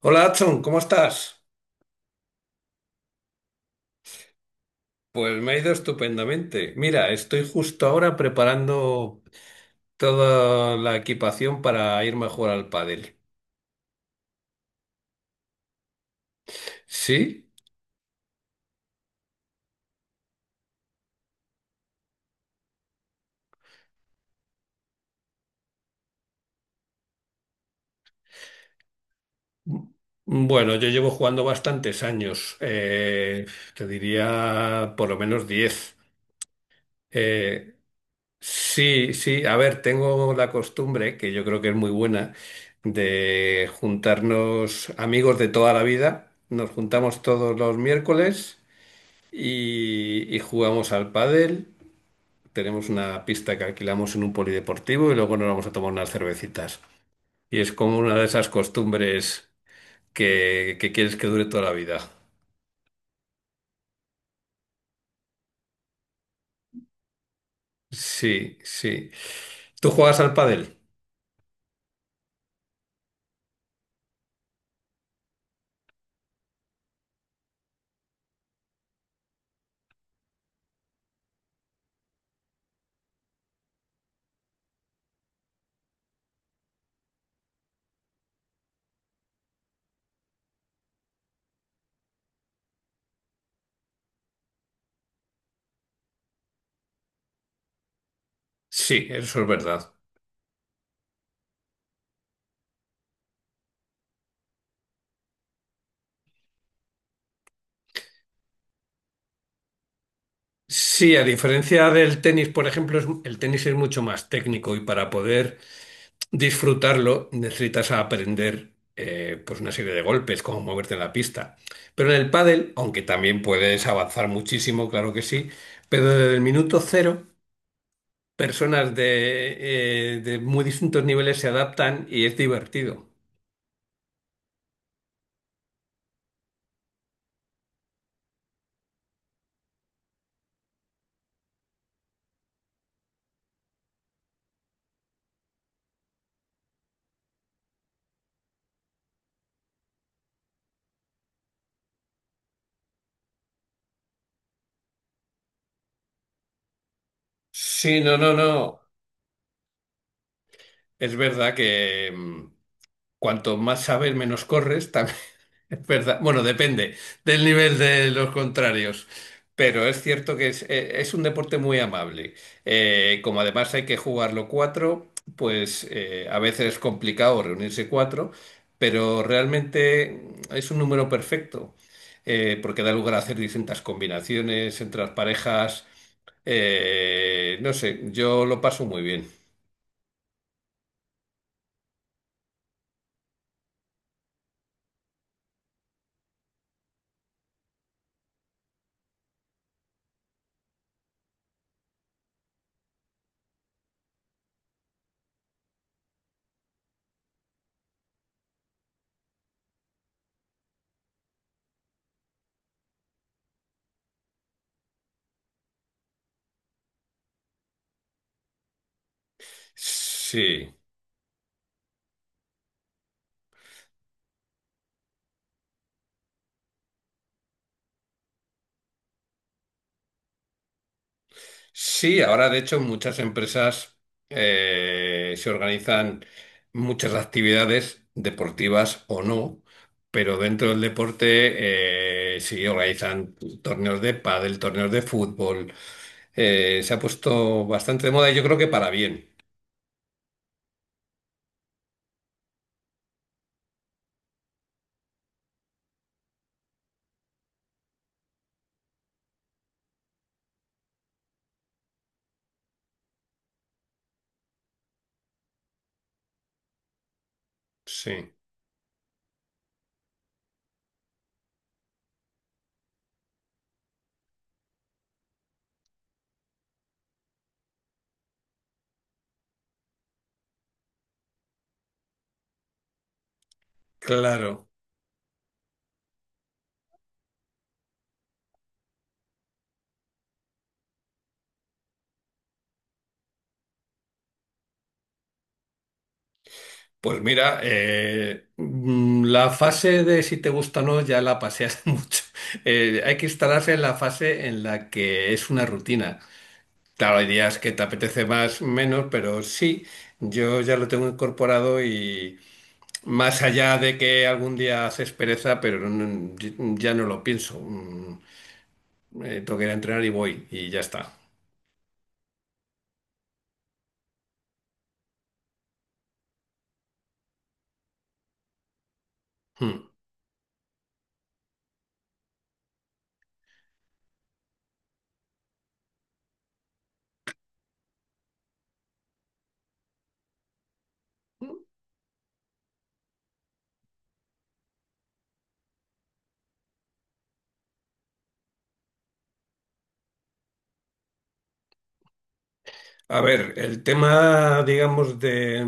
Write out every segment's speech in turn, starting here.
Hola, Adson, ¿cómo estás? Pues me ha ido estupendamente. Mira, estoy justo ahora preparando toda la equipación para irme a jugar al pádel. ¿Sí? Bueno, yo llevo jugando bastantes años, te diría por lo menos 10. Eh, sí, sí, a ver, tengo la costumbre, que yo creo que es muy buena, de juntarnos amigos de toda la vida. Nos juntamos todos los miércoles y jugamos al pádel. Tenemos una pista que alquilamos en un polideportivo y luego nos vamos a tomar unas cervecitas. Y es como una de esas costumbres que quieres que dure toda la vida. Sí, sí. ¿Tú juegas al pádel? Sí, eso es verdad. Sí, a diferencia del tenis, por ejemplo, el tenis es mucho más técnico y para poder disfrutarlo, necesitas aprender pues una serie de golpes, cómo moverte en la pista. Pero en el pádel, aunque también puedes avanzar muchísimo, claro que sí, pero desde el minuto cero, personas de muy distintos niveles se adaptan y es divertido. Sí, no, no, no. Es verdad que cuanto más sabes, menos corres. Es verdad. Bueno, depende del nivel de los contrarios. Pero es cierto que es un deporte muy amable. Como además hay que jugarlo cuatro, pues a veces es complicado reunirse cuatro, pero realmente es un número perfecto, porque da lugar a hacer distintas combinaciones entre las parejas. No sé, yo lo paso muy bien. Sí. Sí, ahora de hecho muchas empresas se organizan muchas actividades deportivas o no, pero dentro del deporte sí organizan torneos de pádel, torneos de fútbol. Se ha puesto bastante de moda y yo creo que para bien. Sí, claro. Pues mira, la fase de si te gusta o no ya la pasé hace mucho. Hay que instalarse en la fase en la que es una rutina. Claro, hay días que te apetece más, menos, pero sí, yo ya lo tengo incorporado y más allá de que algún día haces pereza, pero no, ya no lo pienso. Tengo que ir a entrenar y voy y ya está. Mm. A ver, el tema, digamos, de,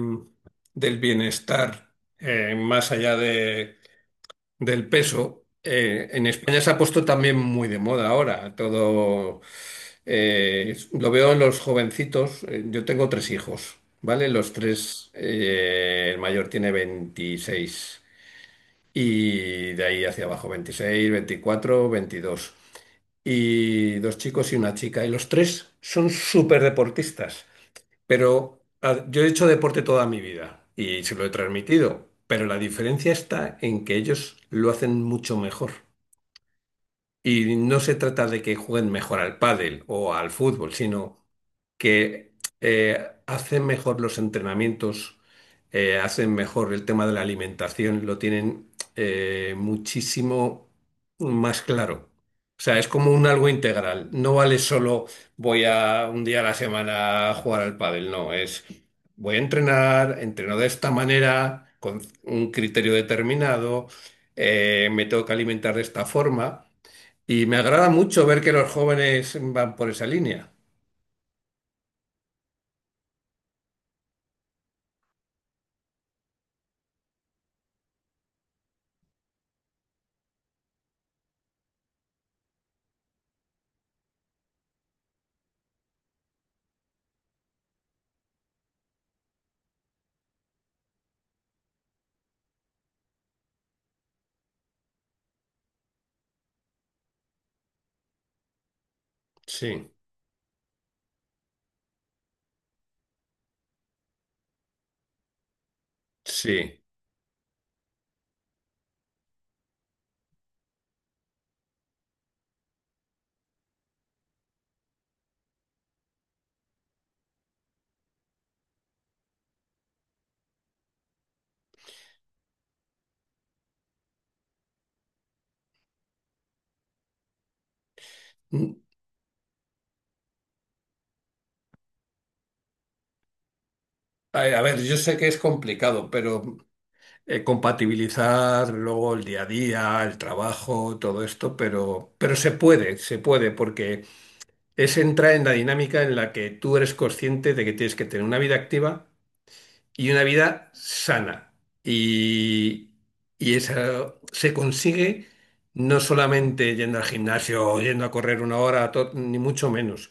del bienestar, más allá de del peso. En España se ha puesto también muy de moda ahora. Todo lo veo en los jovencitos. Yo tengo tres hijos, ¿vale? Los tres, el mayor tiene 26 y de ahí hacia abajo 26 24 22. Y dos chicos y una chica. Y los tres son súper deportistas. Pero yo he hecho deporte toda mi vida y se lo he transmitido, pero la diferencia está en que ellos lo hacen mucho mejor. Y no se trata de que jueguen mejor al pádel o al fútbol, sino que hacen mejor los entrenamientos, hacen mejor el tema de la alimentación, lo tienen muchísimo más claro. O sea, es como un algo integral. No vale solo voy a un día a la semana a jugar al pádel, no, es voy a entrenar, entreno de esta manera, con un criterio determinado, me tengo que alimentar de esta forma. Y me agrada mucho ver que los jóvenes van por esa línea. Sí, sí. Mm, a ver, yo sé que es complicado, pero compatibilizar luego el día a día, el trabajo, todo esto, pero se puede, porque es entrar en la dinámica en la que tú eres consciente de que tienes que tener una vida activa y una vida sana. Y, y esa se consigue no solamente yendo al gimnasio o yendo a correr una hora, ni mucho menos.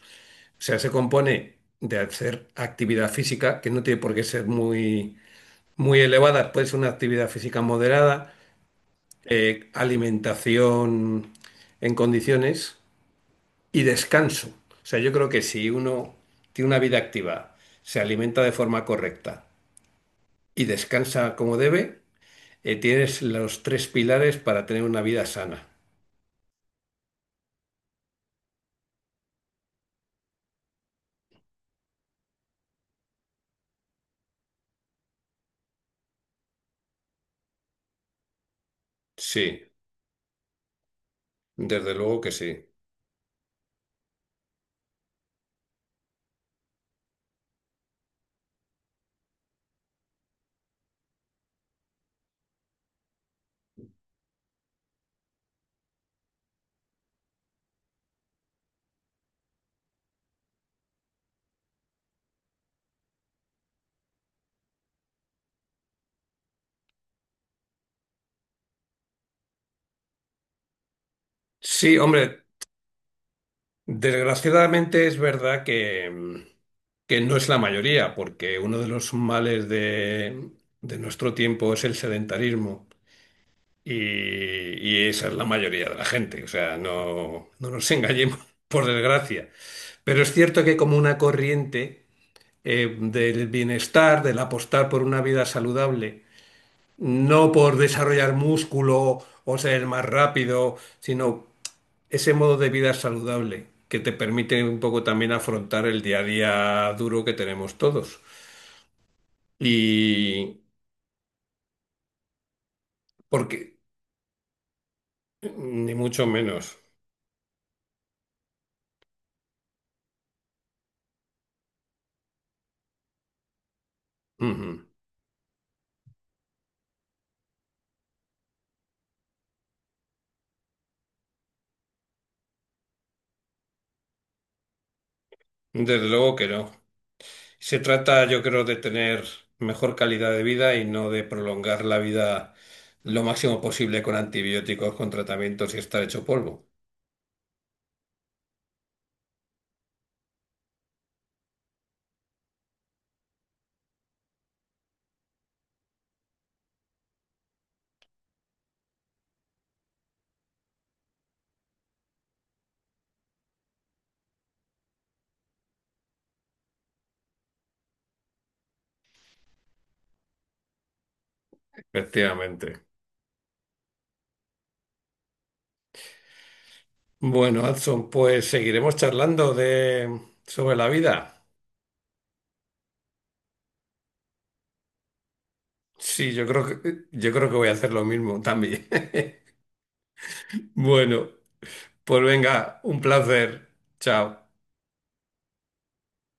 O sea, se compone de hacer actividad física, que no tiene por qué ser muy, muy elevada, puede ser una actividad física moderada, alimentación en condiciones y descanso. O sea, yo creo que si uno tiene una vida activa, se alimenta de forma correcta y descansa como debe, tienes los tres pilares para tener una vida sana. Sí, desde luego que sí. Sí, hombre, desgraciadamente es verdad que no es la mayoría, porque uno de los males de nuestro tiempo es el sedentarismo y esa es la mayoría de la gente. O sea, no, no nos engañemos, por desgracia. Pero es cierto que como una corriente del bienestar, del apostar por una vida saludable, no por desarrollar músculo o ser más rápido, sino ese modo de vida saludable que te permite un poco también afrontar el día a día duro que tenemos todos. Y porque, ni mucho menos. Ujú. Desde luego que no. Se trata, yo creo, de tener mejor calidad de vida y no de prolongar la vida lo máximo posible con antibióticos, con tratamientos y estar hecho polvo. Efectivamente. Bueno, Adson, pues seguiremos charlando de sobre la vida. Sí, yo creo que voy a hacer lo mismo también. Bueno, pues venga, un placer. Chao.